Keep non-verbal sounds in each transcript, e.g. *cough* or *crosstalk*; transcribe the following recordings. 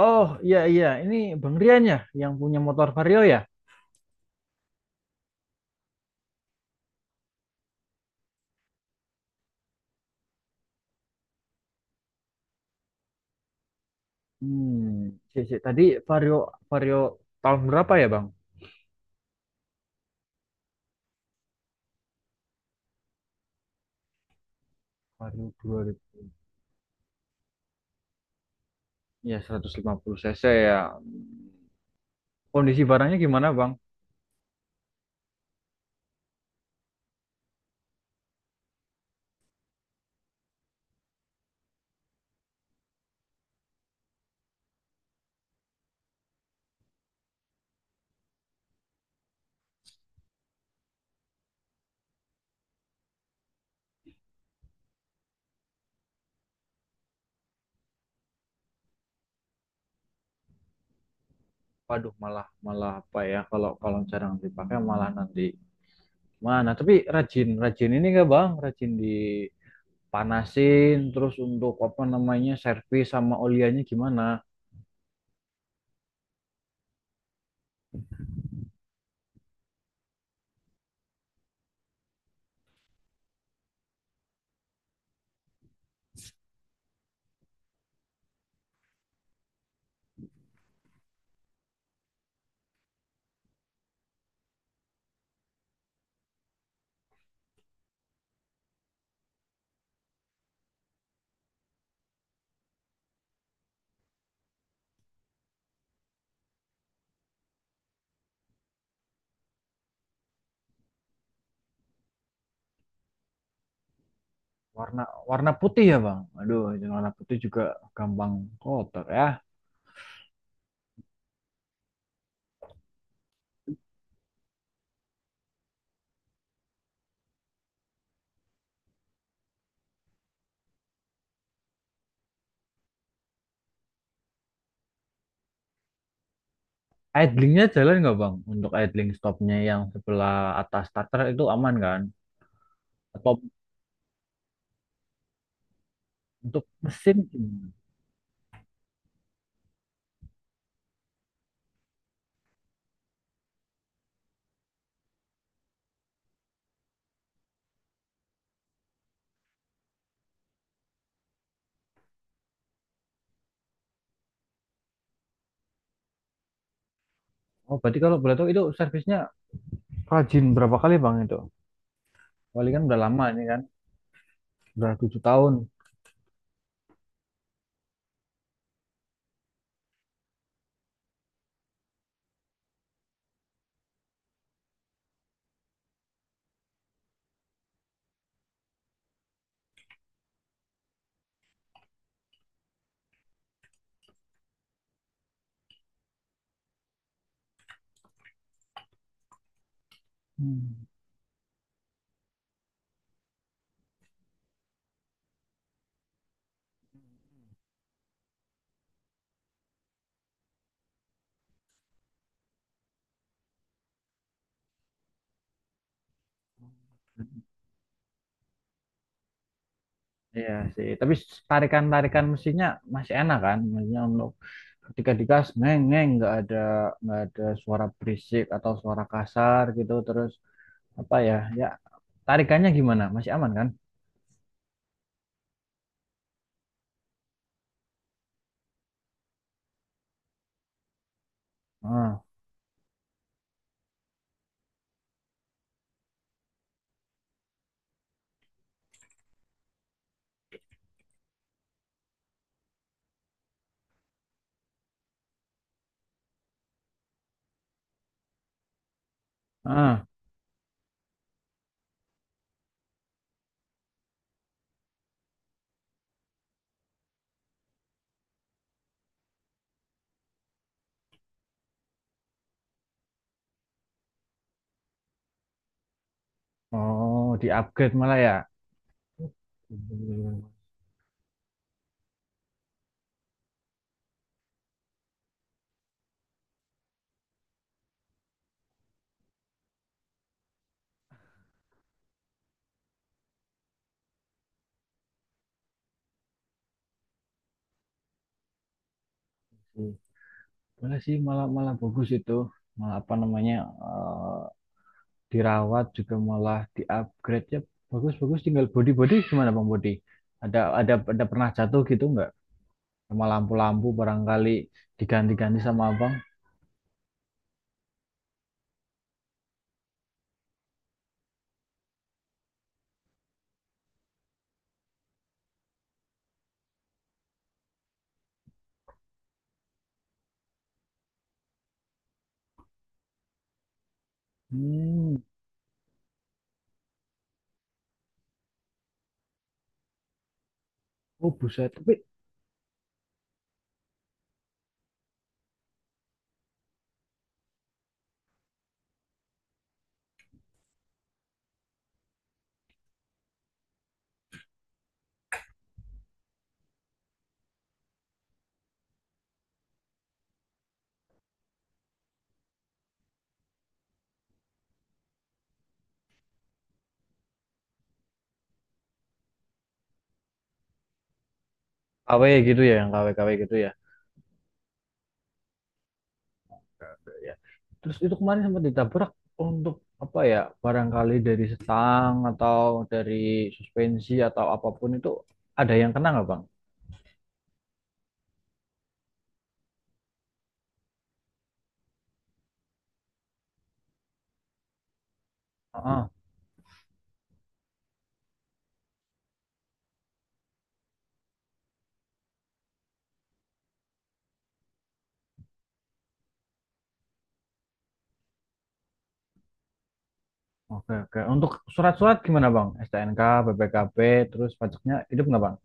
Oh, iya, iya, ini Bang Rian ya yang punya motor Vario ya. Hmm, sih. Tadi Vario Vario tahun berapa ya Bang? Vario dua ribu ya, 150 cc ya. Hmm, Kondisi barangnya gimana Bang? Waduh, malah malah apa ya, kalau kalau jarang dipakai malah nanti mana? Tapi rajin rajin ini nggak Bang? Rajin dipanasin terus, untuk apa namanya, servis sama oliannya gimana? Warna warna putih ya Bang. Aduh, warna putih juga gampang kotor ya. Idlingnya jalan nggak Bang? Untuk idling stopnya yang sebelah atas starter itu aman kan? Atau untuk mesin, gimana? Oh, berarti kalau boleh tahu itu servisnya rajin berapa kali Bang itu? Wali kan udah lama ini kan, udah 7 tahun. Hmm. Iya sih, tapi tarikan-tarikan mesinnya masih enak kan? Maksudnya, untuk ketika digas neng neng, nggak ada suara berisik atau suara kasar gitu, terus apa ya, ya tarikannya gimana, masih aman kan? Ah. Ah. Oh, di-upgrade malah ya. Boleh sih, malah malah bagus itu. Malah apa namanya? Eh, dirawat juga, malah di-upgrade ya. Bagus-bagus, tinggal body-body gimana Bang, body? Ada pernah jatuh gitu nggak? Sama lampu-lampu barangkali diganti-ganti sama Abang. Hmm. Oh, buset. Tapi KW gitu ya, yang KW-KW gitu ya. Terus itu kemarin sempat ditabrak, untuk apa ya, barangkali dari stang atau dari suspensi atau apapun itu, ada yang kena nggak Bang? Heeh. Oke, oke. Untuk surat-surat gimana Bang? STNK, BPKB, terus pajaknya hidup nggak Bang?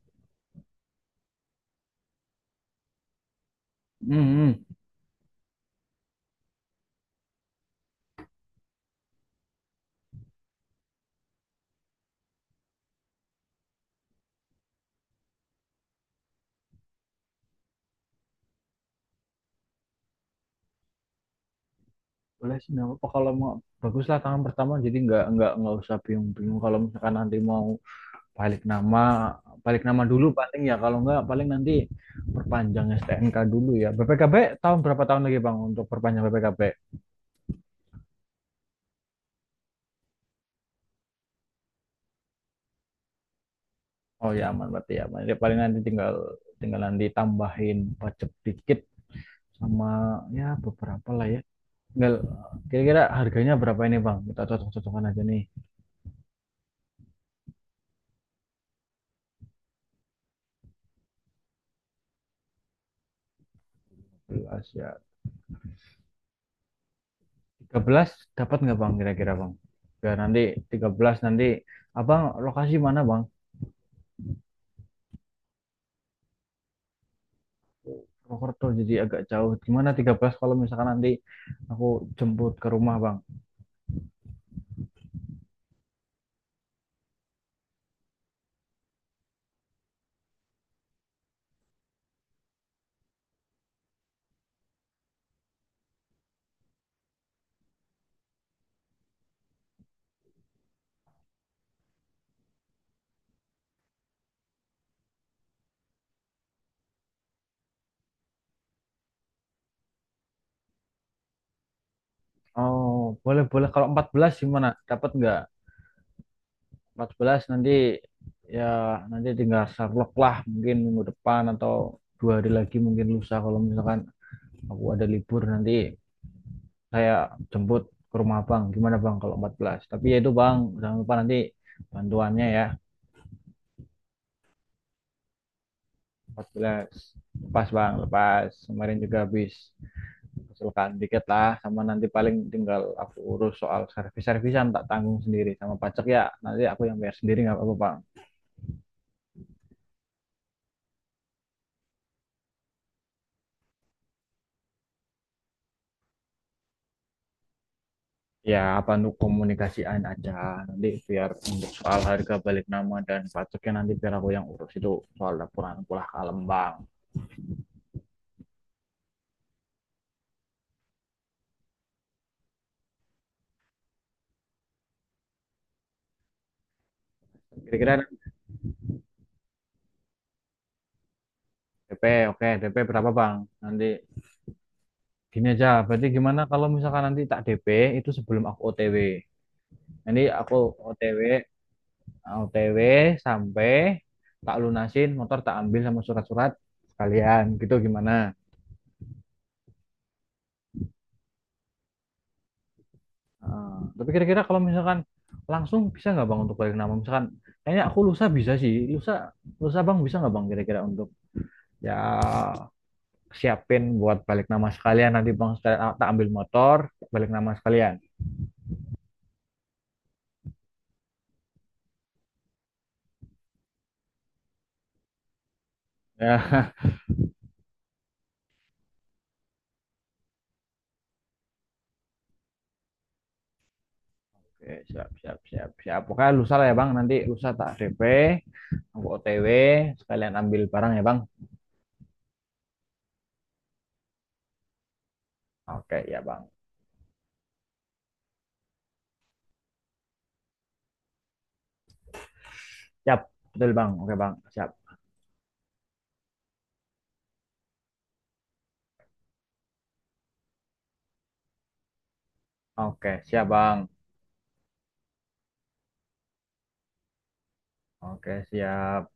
Hmm, hmm. Boleh sih, nggak apa-apa kalau mau. Baguslah tangan pertama, jadi nggak usah bingung-bingung kalau misalkan nanti mau balik nama balik nama dulu. Paling ya, kalau enggak paling nanti perpanjang STNK dulu ya, BPKB tahun berapa, tahun lagi Bang untuk perpanjang BPKB? Oh ya, aman berarti, ya aman. Ya, paling nanti tinggal tinggalan ditambahin pajak dikit, sama ya beberapa lah ya. Tinggal kira-kira harganya berapa ini Bang, kita cocok-cocokan aja nih. 13 ya? 13 dapat nggak Bang, kira-kira Bang? Ya nanti 13, nanti Abang lokasi mana Bang? Purwokerto, jadi agak jauh. Gimana 13 kalau misalkan nanti aku jemput ke rumah, Bang? Oh, boleh, boleh. Kalau 14 gimana? Dapat nggak? 14 nanti ya, nanti tinggal Sherlock lah, mungkin minggu depan atau 2 hari lagi, mungkin lusa, kalau misalkan aku ada libur nanti saya jemput ke rumah Bang. Gimana Bang kalau 14? Tapi ya itu Bang, jangan lupa nanti bantuannya ya. 14. Lepas Bang, lepas. Kemarin juga habis. Usulkan dikit lah, sama nanti paling tinggal aku urus soal servis-servisan, tak tanggung sendiri, sama pajak ya nanti aku yang bayar sendiri, nggak apa-apa Bang. Ya apa, nu komunikasiin aja nanti, biar untuk soal harga balik nama dan pajaknya nanti biar aku yang urus itu. Soal laporan pulah kalem Bang. Kira-kira DP. Oke, DP berapa Bang? Nanti gini aja berarti, gimana kalau misalkan nanti tak DP itu sebelum aku OTW, nanti aku OTW OTW sampai tak lunasin motor, tak ambil sama surat-surat sekalian gitu, gimana? Eh, tapi kira-kira kalau misalkan langsung bisa nggak Bang untuk balik nama? Misalkan kayaknya aku lusa bisa sih, lusa lusa Bang, bisa nggak Bang kira-kira untuk, ya, siapin buat balik nama sekalian, nanti Bang saya tak ambil motor, balik nama sekalian ya. *laughs* Oke, siap, siap, siap, siap, pokoknya lusa lah ya Bang, nanti lusa tak DP, aku OTW sekalian ambil barang ya Bang. Oke ya Bang. Siap, betul Bang. Oke Bang, siap. Oke, siap Bang. Oke, siap.